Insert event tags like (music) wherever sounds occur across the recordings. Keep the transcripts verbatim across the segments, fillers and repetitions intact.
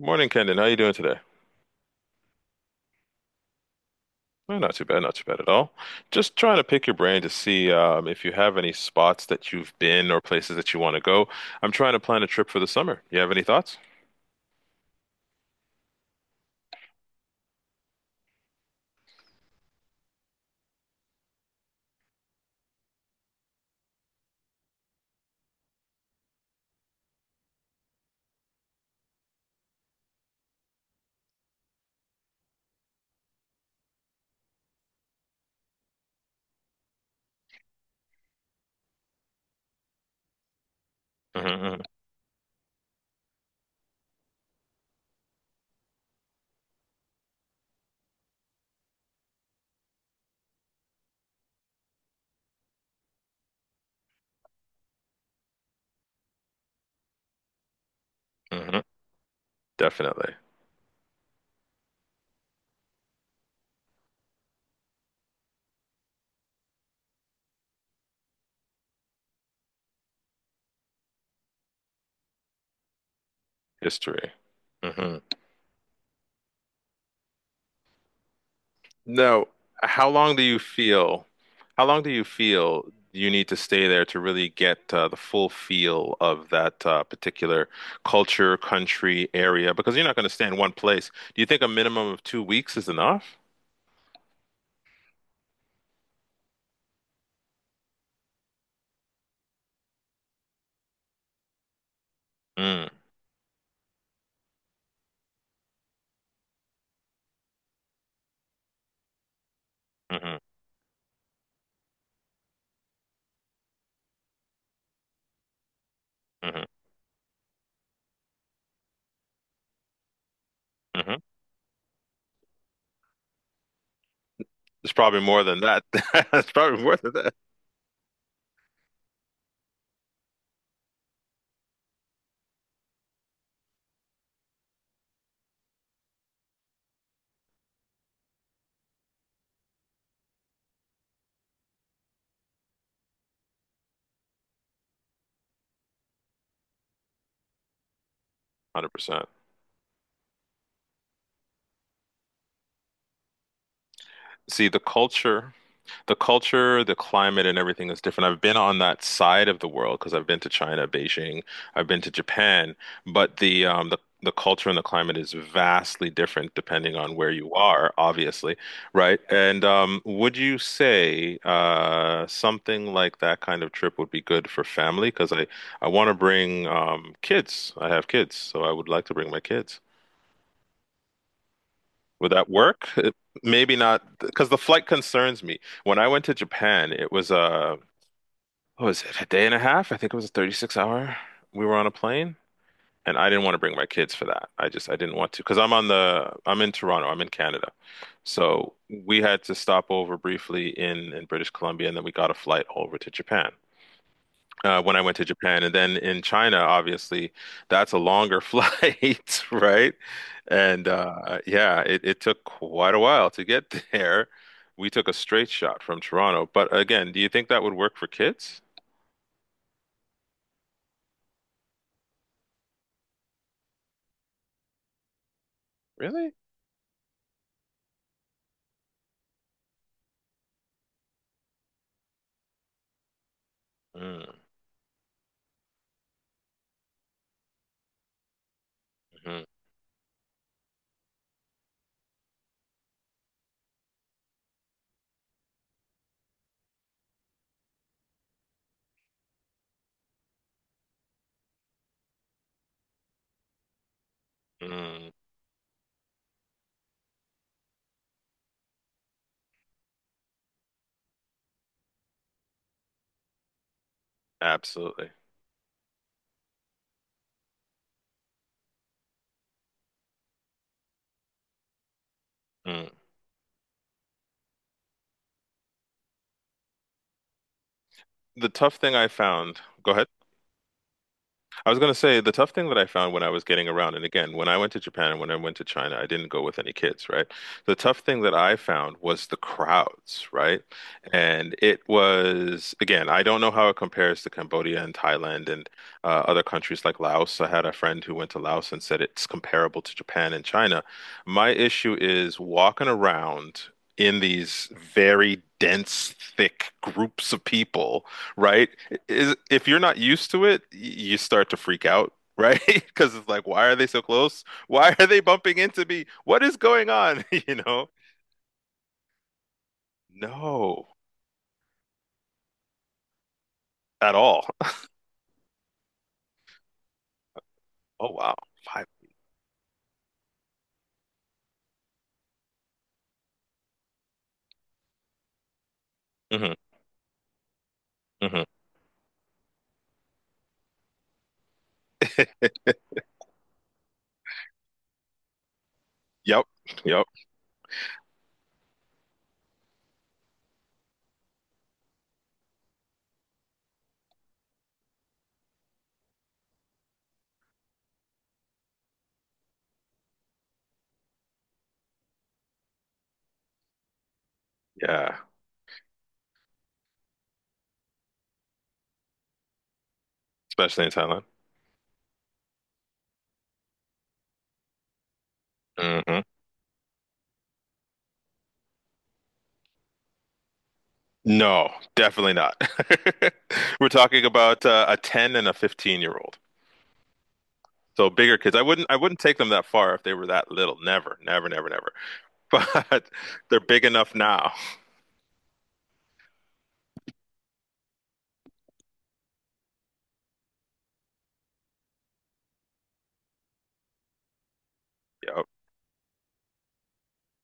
Morning, Kendon. How you doing today? Well, not too bad, not too bad at all. Just trying to pick your brain to see um, if you have any spots that you've been or places that you want to go. I'm trying to plan a trip for the summer. You have any thoughts? hmm hmm Definitely. History. hmm Now, how long do you feel? How long do you feel you need to stay there to really get uh, the full feel of that uh, particular culture, country, area? Because you're not going to stay in one place. Do you think a minimum of two weeks is enough? Mm. hmm hmm hmm It's probably more than that. (laughs) It's probably more than that. one hundred percent. See, the culture The culture, the climate, and everything is different. I've been on that side of the world because I've been to China, Beijing. I've been to Japan, but the um the The culture and the climate is vastly different depending on where you are, obviously, right? And um, Would you say uh, something like that kind of trip would be good for family? Because I, I want to bring um, kids. I have kids, so I would like to bring my kids. Would that work? Maybe not, because the flight concerns me. When I went to Japan, it was a what was it, a day and a half? I think it was a thirty-six hour. We were on a plane, and I didn't want to bring my kids for that. I just I didn't want to because I'm on the I'm in Toronto. I'm in Canada, so we had to stop over briefly in in British Columbia, and then we got a flight over to Japan. Uh, when I went to Japan, and then in China, obviously that's a longer (laughs) flight, right? And uh, yeah, it, it took quite a while to get (laughs) there. We took a straight shot from Toronto, but again, do you think that would work for kids? Really? Hmm. Mm, mm, absolutely. Mm. The tough thing I found, go ahead. I was going to say the tough thing that I found when I was getting around, and again, when I went to Japan and when I went to China, I didn't go with any kids, right? The tough thing that I found was the crowds, right? And it was, again, I don't know how it compares to Cambodia and Thailand and uh, other countries like Laos. I had a friend who went to Laos and said it's comparable to Japan and China. My issue is walking around in these very dense, thick groups of people, right? Is if you're not used to it, y- you start to freak out, right? (laughs) Because it's like, why are they so close? Why are they bumping into me? What is going on? (laughs) You know? No, at all. (laughs) Oh wow, five. Mm-hmm, mm-hmm. Yep, yep, yeah. Especially in Thailand. hmm No, definitely not. (laughs) We're talking about uh, a ten and a fifteen year old. So bigger kids. I wouldn't I wouldn't take them that far if they were that little. Never, never, never, never. (laughs) But they're big enough now. Yep.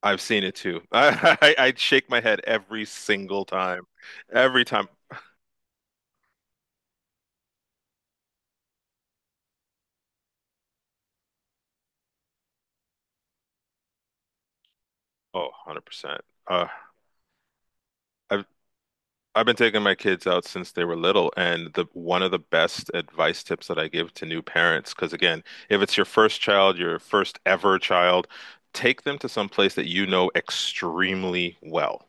I've seen it too. (laughs) I, I I shake my head every single time. Every time. Oh, one hundred percent. Uh, I've I've been taking my kids out since they were little, and the one of the best advice tips that I give to new parents, because again, if it's your first child, your first ever child, take them to some place that you know extremely well,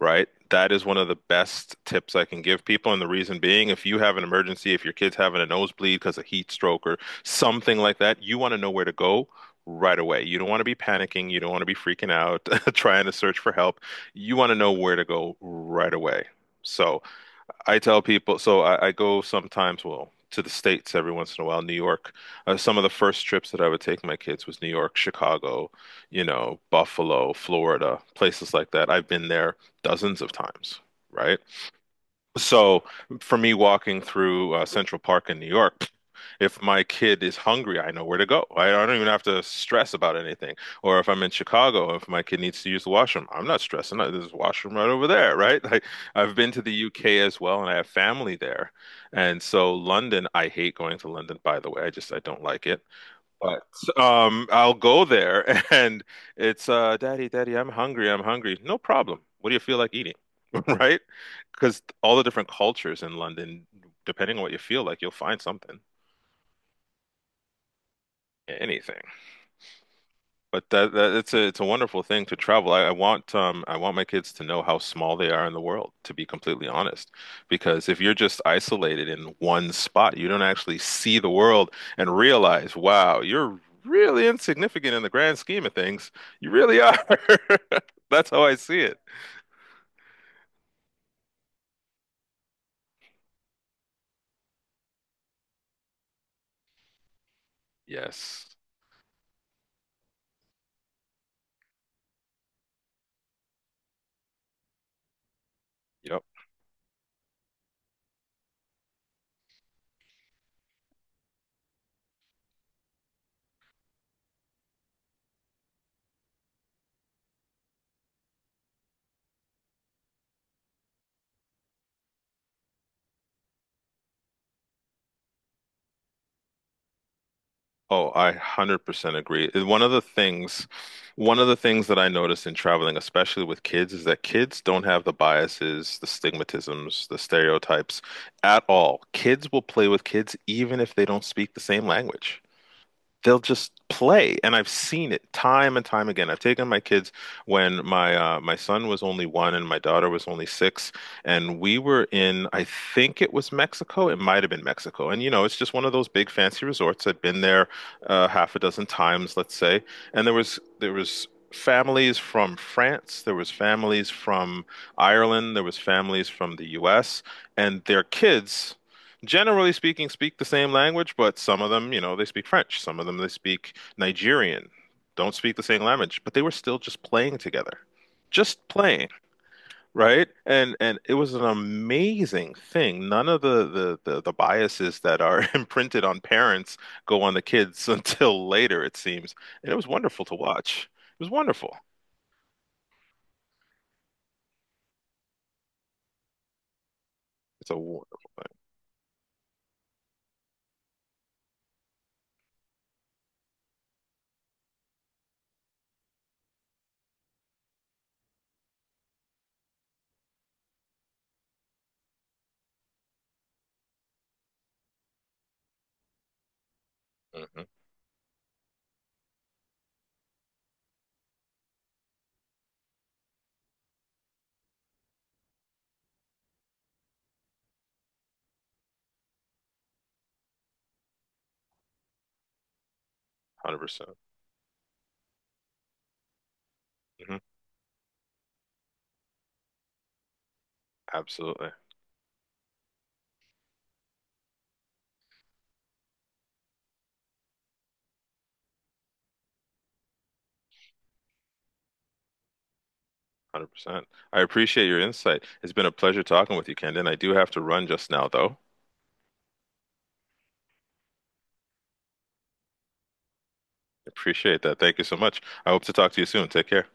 right? That is one of the best tips I can give people. And the reason being, if you have an emergency, if your kid's having a nosebleed because of heat stroke or something like that, you want to know where to go right away. You don't want to be panicking. You don't want to be freaking out, (laughs) trying to search for help. You want to know where to go right away. So I tell people, so I, I go sometimes, well, to the States every once in a while, New York. Uh, some of the first trips that I would take my kids was New York, Chicago, you know, Buffalo, Florida, places like that. I've been there dozens of times, right? So for me, walking through uh, Central Park in New York, if my kid is hungry, I know where to go. I, I don't even have to stress about anything. Or if I'm in Chicago, if my kid needs to use the washroom, I'm not stressing. Uh, There's a washroom right over there, right? (laughs) Like I've been to the U K as well, and I have family there. And so London, I hate going to London, by the way. I just I don't like it. But um, I'll go there, (laughs) and it's uh, Daddy, Daddy, I'm hungry. I'm hungry. No problem. What do you feel like eating? (laughs) Right? Because all the different cultures in London, depending on what you feel like, you'll find something, anything. But that, that it's a it's a wonderful thing to travel. I, I want um I want my kids to know how small they are in the world, to be completely honest. Because if you're just isolated in one spot, you don't actually see the world and realize, wow, you're really insignificant in the grand scheme of things. You really are. (laughs) That's how I see it. Yes. Yep. Oh, I one hundred percent agree. And One of the things, one of the things that I noticed in traveling, especially with kids, is that kids don't have the biases, the stigmatisms, the stereotypes at all. Kids will play with kids even if they don't speak the same language. They'll just play, and I've seen it time and time again. I've taken my kids when my uh, my son was only one and my daughter was only six, and we were in, I think it was Mexico. It might have been Mexico. And you know, it's just one of those big fancy resorts. I'd been there uh, half a dozen times, let's say. And there was there was families from France, there was families from Ireland, there was families from the U S, and their kids, generally speaking, speak the same language, but some of them, you know, they speak French. Some of them, they speak Nigerian. Don't speak the same language, but they were still just playing together. Just playing, right? And and it was an amazing thing. None of the the the, the biases that are (laughs) imprinted on parents go on the kids (laughs) until later, it seems. And it was wonderful to watch. It was wonderful. It's a wonderful thing. hmm one hundred percent. Percent hmm Absolutely. one hundred percent. I appreciate your insight. It's been a pleasure talking with you, Kendon. I do have to run just now, though. Appreciate that. Thank you so much. I hope to talk to you soon. Take care.